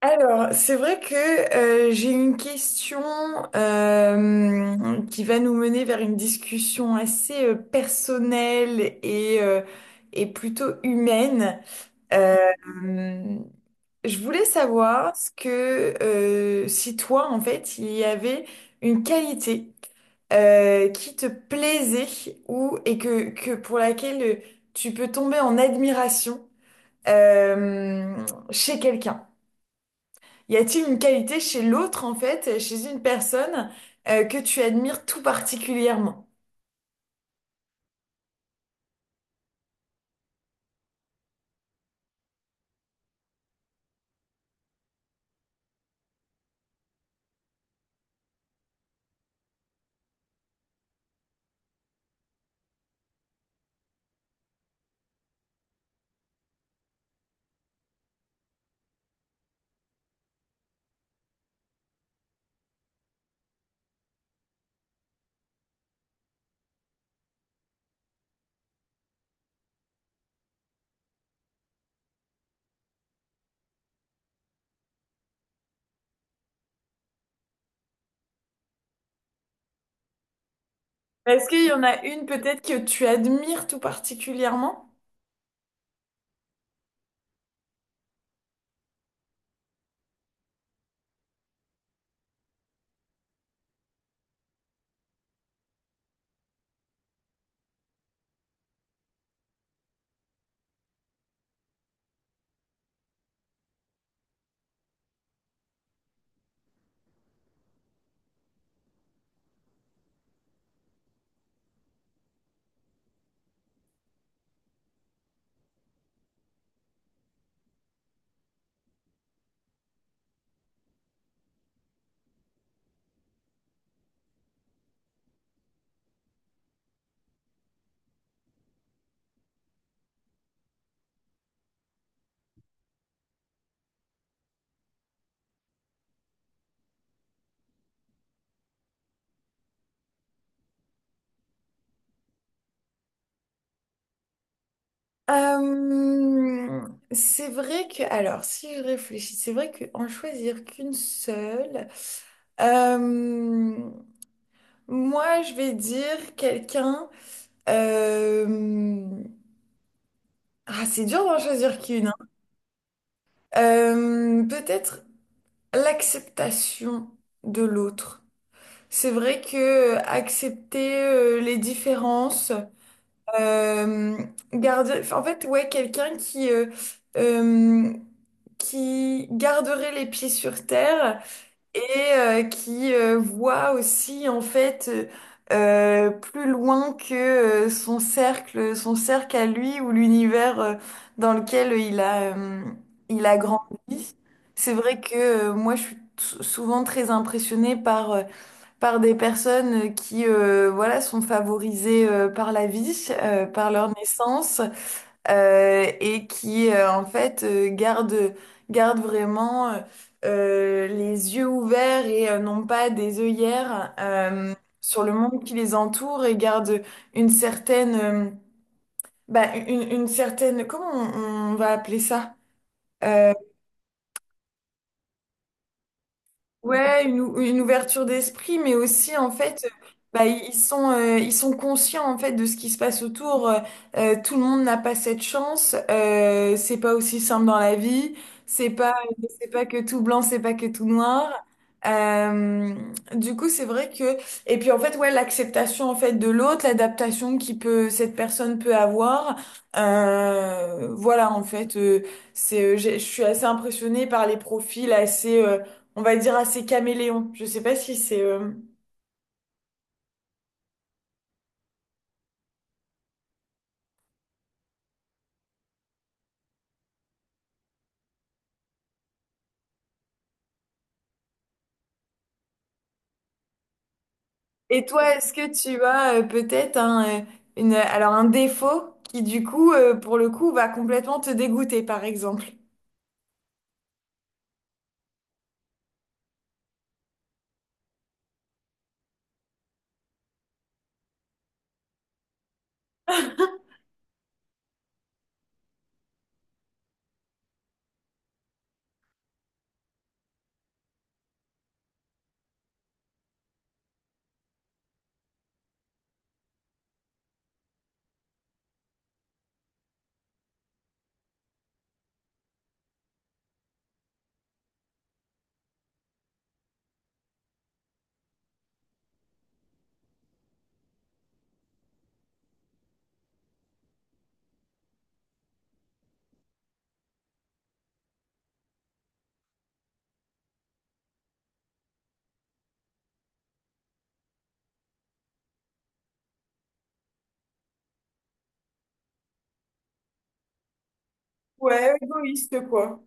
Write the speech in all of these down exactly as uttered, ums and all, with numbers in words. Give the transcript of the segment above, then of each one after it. Alors, c'est vrai que euh, j'ai une question euh, qui va nous mener vers une discussion assez euh, personnelle et, euh, et plutôt humaine. Euh, je voulais savoir ce que euh, si toi, en fait, il y avait une qualité euh, qui te plaisait ou et que, que pour laquelle tu peux tomber en admiration euh, chez quelqu'un. Y a-t-il une qualité chez l'autre, en fait, chez une personne euh, que tu admires tout particulièrement? Est-ce qu'il y en a une peut-être que tu admires tout particulièrement? Euh, c'est vrai que, alors, si je réfléchis, c'est vrai qu'en choisir qu'une seule, euh, moi, je vais dire quelqu'un. euh, ah, c'est dur d'en choisir qu'une, hein. Euh, peut-être l'acceptation de l'autre. C'est vrai que euh, accepter euh, les différences, euh, garder, enfin, en fait, ouais, quelqu'un qui euh, euh, qui garderait les pieds sur terre et euh, qui euh, voit aussi en fait euh, plus loin que euh, son cercle, son cercle à lui ou l'univers euh, dans lequel il a euh, il a grandi. C'est vrai que euh, moi, je suis t- souvent très impressionnée par euh, par des personnes qui euh, voilà sont favorisées euh, par la vie, euh, par leur naissance euh, et qui euh, en fait euh, gardent gardent vraiment euh, euh, les yeux ouverts et euh, non pas des œillères euh, sur le monde qui les entoure et gardent une certaine euh, bah, une, une certaine comment on, on va appeler ça? Euh, Ouais, une, ou- une ouverture d'esprit, mais aussi en fait, euh, bah, ils ils sont, euh, ils sont conscients en fait de ce qui se passe autour. Euh, euh, tout le monde n'a pas cette chance. Euh, c'est pas aussi simple dans la vie. C'est pas, euh, c'est pas que tout blanc, c'est pas que tout noir. Euh, du coup, c'est vrai que et puis en fait, ouais, l'acceptation en fait de l'autre, l'adaptation qui peut cette personne peut avoir. Euh, voilà, en fait, euh, c'est, euh, j'ai- je suis assez impressionnée par les profils assez. euh, on va dire assez caméléon. Je sais pas si c'est. euh, Et toi, est-ce que tu as euh, peut-être un, euh, une, alors un défaut qui du coup, euh, pour le coup, va complètement te dégoûter, par exemple? Ouais, égoïste quoi.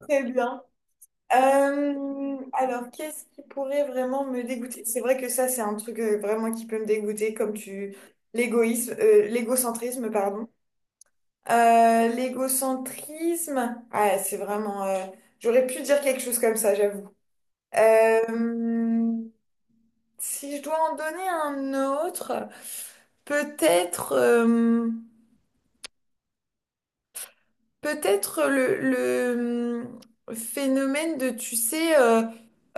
Très bien. Euh, alors, qu'est-ce qui pourrait vraiment me dégoûter? C'est vrai que ça, c'est un truc euh, vraiment qui peut me dégoûter, comme tu... L'égoïsme, euh, l'égocentrisme, pardon. Euh, l'égocentrisme, ah, c'est vraiment... euh, j'aurais pu dire quelque chose comme ça, j'avoue. Euh, si je dois en donner un autre, peut-être euh, peut-être le, le, hum, phénomène de, tu sais, euh,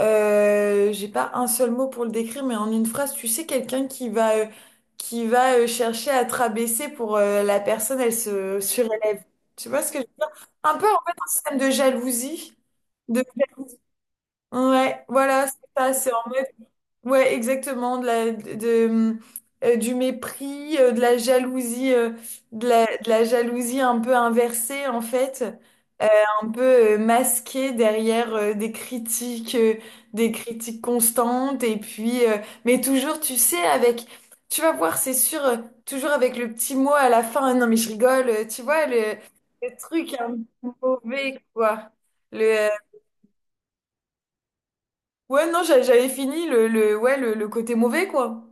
euh, j'ai pas un seul mot pour le décrire, mais en une phrase, tu sais, quelqu'un qui va euh, qui va euh, chercher à te rabaisser pour euh, la personne, elle se surélève. Tu vois ce que je veux dire? Un peu en fait un système de jalousie. De... Ouais, voilà, c'est ça, c'est en mode. Ouais, exactement, de la, de, euh, euh, du mépris, euh, de la jalousie, euh, de la, de la jalousie un peu inversée en fait, euh, un peu euh, masquée derrière euh, des critiques, euh, des critiques constantes et puis, euh, mais toujours, tu sais, avec, tu vas voir, c'est sûr, euh, toujours avec le petit mot à la fin, non mais je rigole, euh, tu vois le, le truc un peu mauvais quoi, le, euh, ouais non j'a- j'avais fini le, le, ouais le le côté mauvais quoi.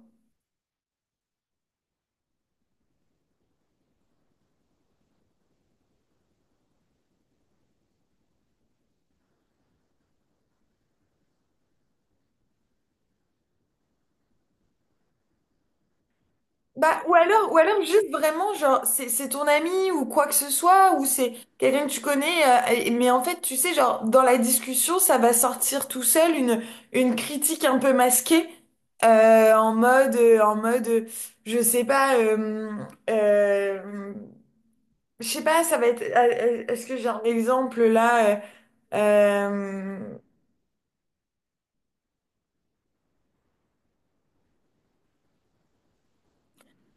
Bah, ou alors, ou alors juste vraiment, genre, c'est, c'est ton ami ou quoi que ce soit, ou c'est quelqu'un que tu connais, euh, et- mais en fait, tu sais, genre, dans la discussion, ça va sortir tout seul une, une critique un peu masquée, euh, en mode, euh, en mode, euh, je sais pas, euh, euh, je sais pas, ça va être, euh, euh, est-ce que j'ai un exemple là, euh, euh,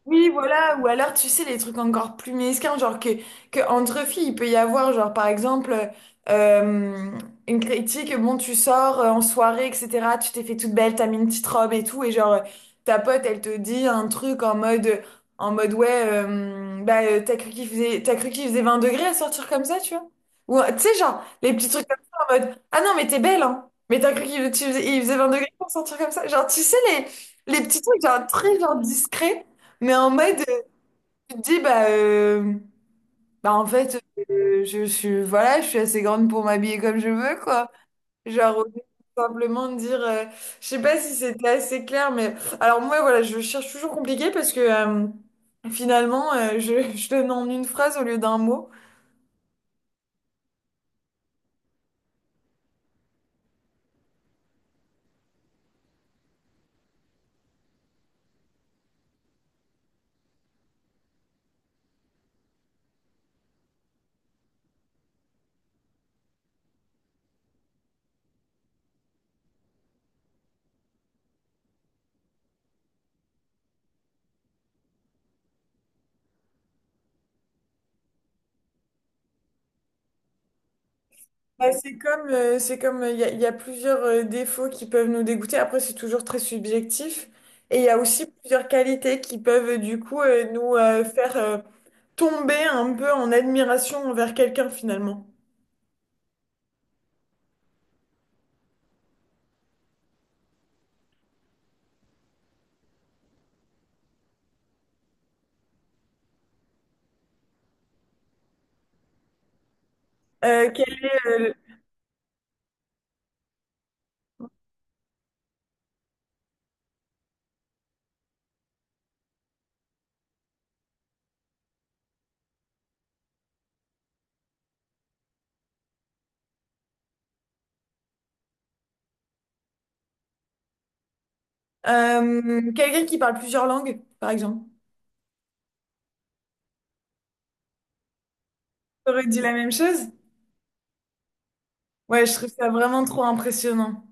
oui, voilà, ou alors tu sais, les trucs encore plus mesquins, genre que, que entre filles, il peut y avoir, genre par exemple, euh, une critique, bon, tu sors euh, en soirée, et cétéra, tu t'es fait toute belle, t'as mis une petite robe et tout, et genre euh, ta pote, elle te dit un truc en mode, en mode ouais, euh, bah euh, t'as cru qu'il faisait, t'as cru qu'il faisait vingt degrés à sortir comme ça, tu vois? Ou euh, tu sais, genre, les petits trucs comme ça en mode, ah non, mais t'es belle, hein, mais t'as cru qu'il tu faisais, il faisait vingt degrés pour sortir comme ça, genre, tu sais, les, les petits trucs, genre très genre discrets. Mais en mode, euh, tu te dis, bah, euh, bah en fait, euh, je, suis, voilà, je suis assez grande pour m'habiller comme je veux, quoi. Genre, au lieu de simplement de dire, euh, je sais pas si c'était assez clair, mais alors moi, voilà, je cherche toujours compliqué parce que euh, finalement, euh, je, je donne en une phrase au lieu d'un mot. Bah, c'est comme, euh, c'est comme, il y a, y a plusieurs euh, défauts qui peuvent nous dégoûter. Après, c'est toujours très subjectif. Et il y a aussi plusieurs qualités qui peuvent, euh, du coup, euh, nous euh, faire. euh, tomber un peu en admiration envers quelqu'un finalement. Euh, quel est, euh, euh, quelqu'un qui parle plusieurs langues, par exemple. T'aurais dit la même chose? Ouais, je trouve ça vraiment trop impressionnant.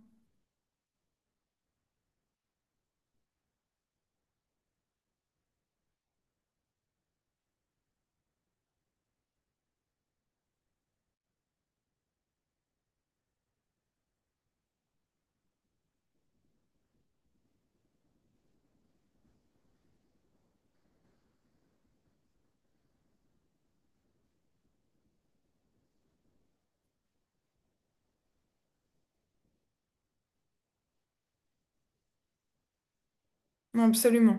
Non, absolument.